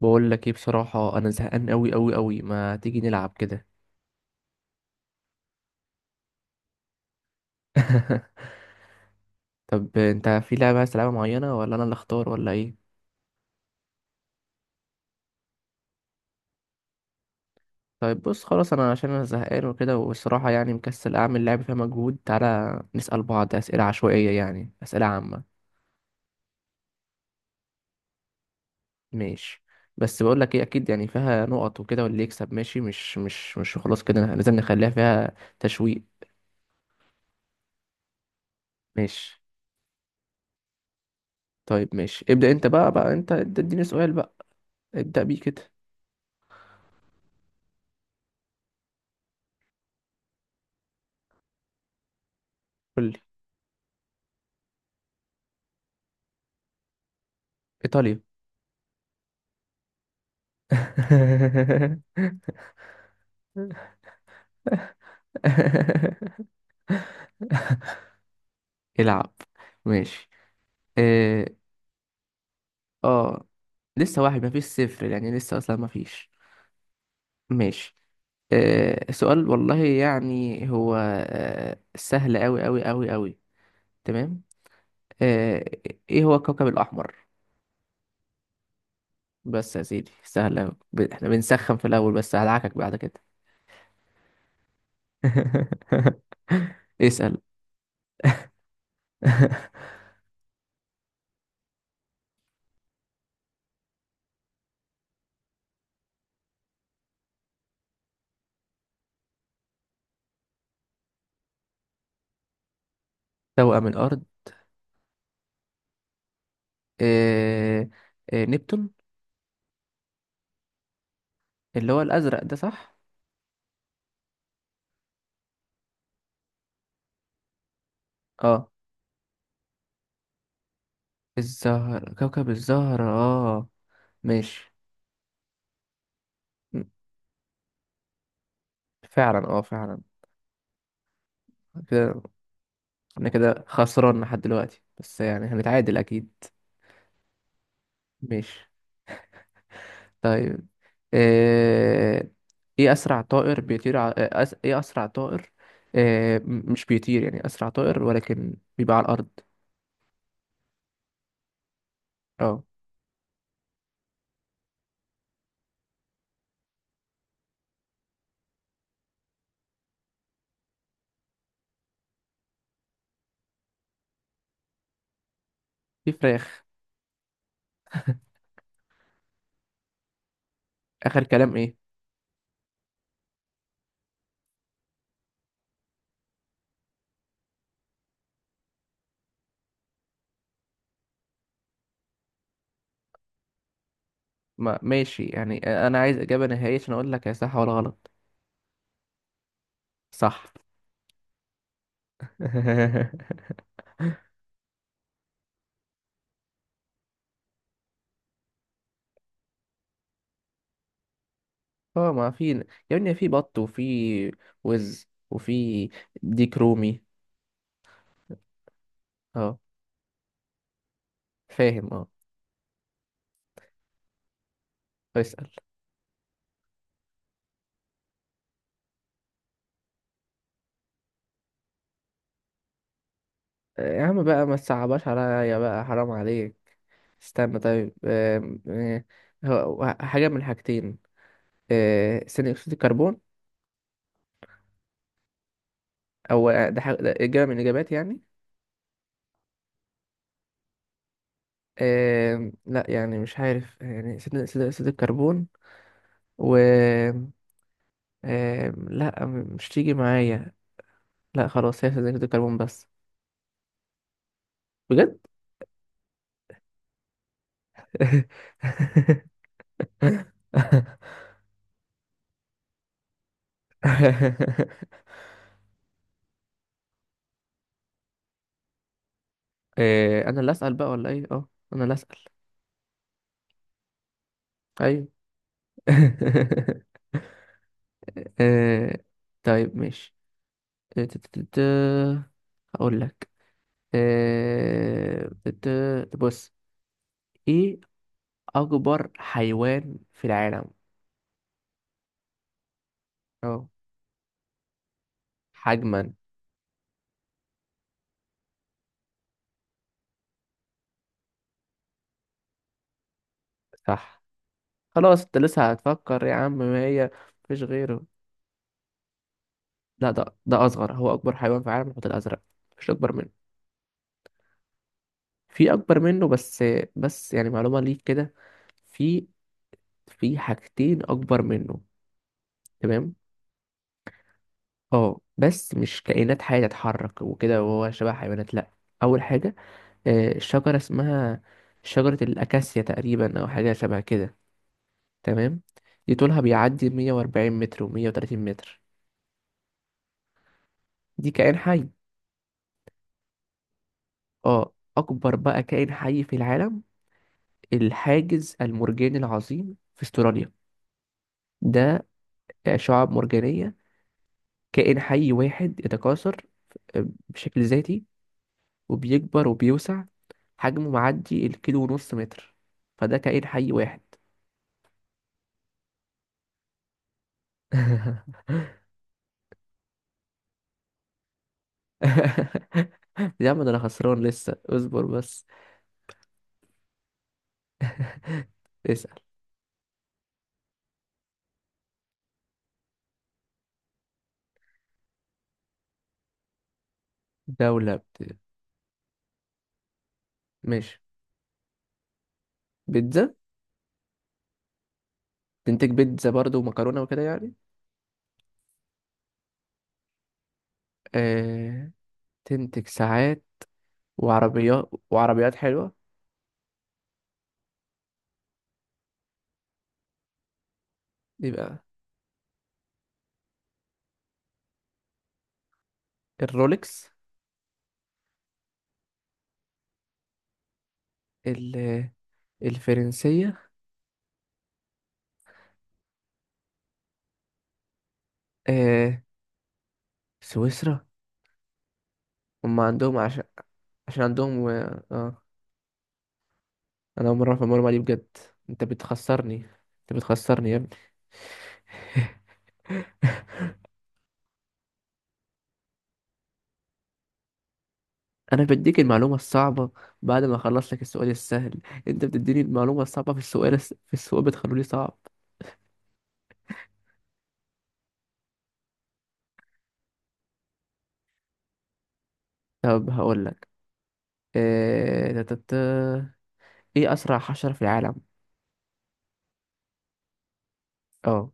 بقول لك ايه، بصراحة انا زهقان قوي قوي قوي. ما تيجي نلعب كده؟ طب انت في لعبة عايز تلعبها معينة، ولا انا اللي اختار، ولا ايه؟ طيب بص، خلاص. انا عشان انا زهقان وكده، والصراحة يعني مكسل اعمل لعبة فيها مجهود. تعالى نسأل بعض اسئلة عشوائية، يعني اسئلة عامة. ماشي. بس بقول لك ايه، اكيد يعني فيها نقط وكده، واللي يكسب ماشي. مش خلاص، كده لازم نخليها فيها تشويق. ماشي. طيب ماشي، ابدأ انت بقى انت، اديني سؤال بقى. ابدأ بيه كده. قول لي. ايطاليا. العب. ماشي. اه. آه. لسه واحد، مفيش صفر، يعني لسه اصلا مفيش. ماشي. آه، سؤال والله، يعني هو سهل أوي أوي أوي أوي. تمام. آه. إيه هو الكوكب الأحمر؟ بس يا سيدي، سهل أوي. إحنا بنسخن في الأول، بس هدعكك بعد كده. اسأل. توأم الأرض. آه. نبتون. اللي هو الأزرق ده، صح؟ اه الزهر، كوكب الزهر، اه. ماشي. م- فعلا، اه فعلا. كده. انا كده خسران لحد دلوقتي، بس يعني هنتعادل أكيد. ماشي. طيب. آه... ايه أسرع طائر بيطير ايه أسرع طائر، مش بيطير يعني، أسرع طائر ولكن بيبقى على الأرض. اه في فراخ. آخر كلام ايه؟ ما ماشي يعني. أنا عايز إجابة نهائية، عشان أقول لك يا صح ولا غلط. صح. اه ما في، يا ابني في بط، وفي وز، وفي ديك رومي. اه فاهم اه. اسأل. يا عم بقى، ما تصعبهاش عليا بقى، حرام عليك. استنى طيب. حاجة من حاجتين. ثاني أكسيد الكربون. أو ده إجابة من الإجابات يعني. لا يعني مش عارف يعني، ثاني أكسيد الكربون. و لا، مش تيجي معايا. لا خلاص، هي ثاني أكسيد الكربون بس. بجد. انا اللي اسال بقى ولا ايه؟ اه انا اللي اسال. ايوه. إيه، طيب ماشي. إيه، ت- ت- ت- هقول لك. بص. ايه اكبر حيوان في العالم. اه، حجما صح. خلاص انت لسه هتفكر، يا عم ما هي. مفيش غيره. لا ده اصغر. هو اكبر حيوان في العالم الحوت الازرق، مش اكبر منه. في اكبر منه بس. بس يعني معلومة ليك كده. في. حاجتين اكبر منه. تمام. اه، بس مش كائنات حية تتحرك وكده وهو شبه حيوانات، لا. اول حاجة، شجرة اسمها، شجرة الاكاسيا تقريبا، او حاجة شبه كده. تمام. دي طولها بيعدي 140 متر و130 متر. دي كائن حي. اه، اكبر بقى كائن حي في العالم، الحاجز المرجاني العظيم في استراليا. ده شعاب مرجانية، كائن حي واحد يتكاثر بشكل ذاتي، وبيكبر وبيوسع. حجمه معدي الكيلو ونص متر. فده كائن حي واحد. يا عم ده انا خسران لسه، اصبر بس. اسأل. دولة بت... ماشي. بيتزا. تنتج بيتزا برضو ومكرونة وكده يعني. آه... تنتج ساعات وعربيات، حلوة. يبقى الرولكس. ال... الفرنسية. آه... سويسرا. هم عندهم. عشان عندهم و... اه. انا اول مره في المعلومه دي بجد. انت بتخسرني. انت بتخسرني يا ابني. انا بديك المعلومه الصعبه بعد ما اخلص لك السؤال السهل. انت بتديني المعلومه الصعبه في السؤال في السؤال، بتخلوني صعب. طب هقول لك. إيه... تتت- ايه اسرع حشره في العالم. اه.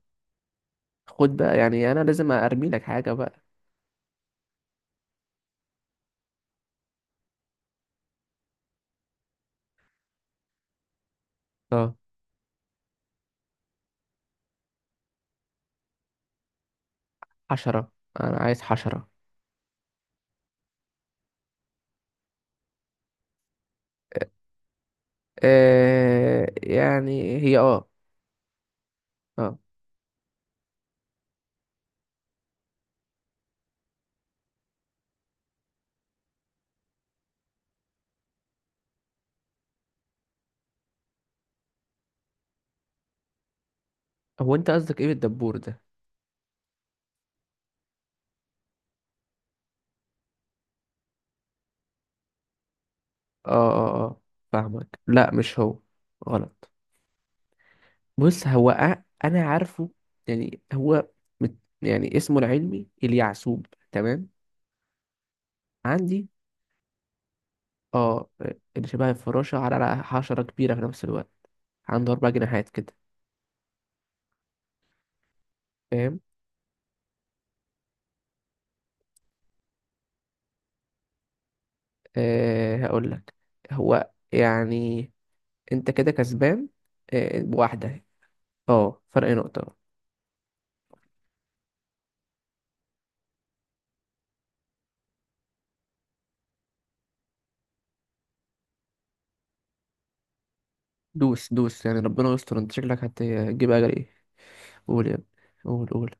خد بقى يعني، انا لازم ارمي لك حاجه بقى. اه حشره. انا عايز حشره. يعني هي اه. اه. هو انت قصدك ايه بالدبور ده؟ اه اه اه. فاهمك، لا مش هو. غلط. بص، انا عارفه. يعني هو، مت يعني اسمه العلمي اليعسوب. تمام. عندي. اه. اللي شبه الفراشة، على حشرة كبيرة في نفس الوقت. عنده أربع جناحات كده. فاهم. أه هقول لك. هو يعني انت كده كسبان. أه، بواحدة. اه، فرق نقطة. دوس دوس يعني، ربنا يستر، انت شكلك هتجيب اجل ايه. قول يا ابني. قول قول.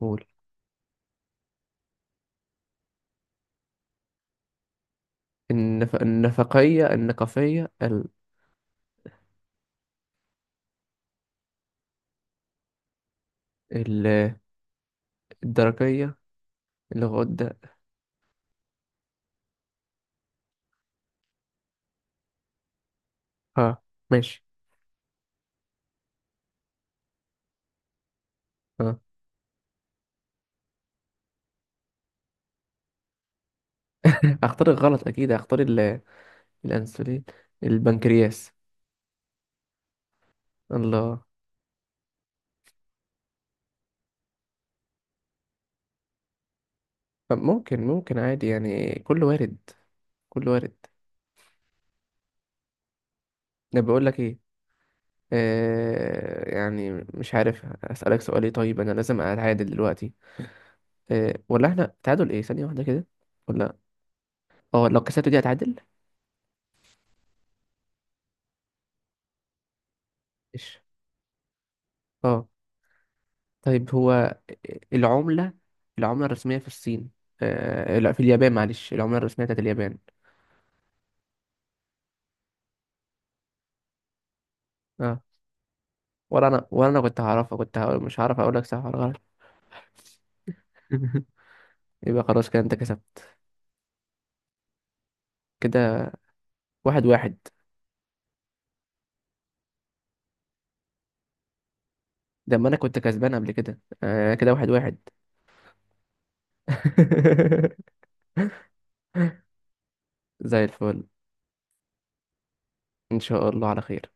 قول. النفقية، النقفية، ال... الدرجية، الغدة. اه ماشي. اه، اختار الغلط اكيد، اختار الانسولين، البنكرياس. الله. طب ممكن، عادي يعني، كل وارد. كل وارد. انا بقول لك ايه. آه يعني مش عارف اسالك سؤال ايه. طيب انا لازم اتعادل دلوقتي. آه، ولا احنا تعادل، ايه ثانية واحدة كده، ولا اه لو كسبت دي هتعادل. ايش. آه. طيب هو العملة، العملة الرسمية في الصين. آه لا، في اليابان معلش. العملة الرسمية بتاعت اليابان. اه. ولا انا، ولا انا كنت هعرفها، كنت هقول مش هعرف اقول لك صح ولا غلط. يبقى خلاص كده انت كسبت. كده 1-1. ده ما انا كنت كسبان قبل كده. آه كده 1-1. زي الفل. ان شاء الله على خير.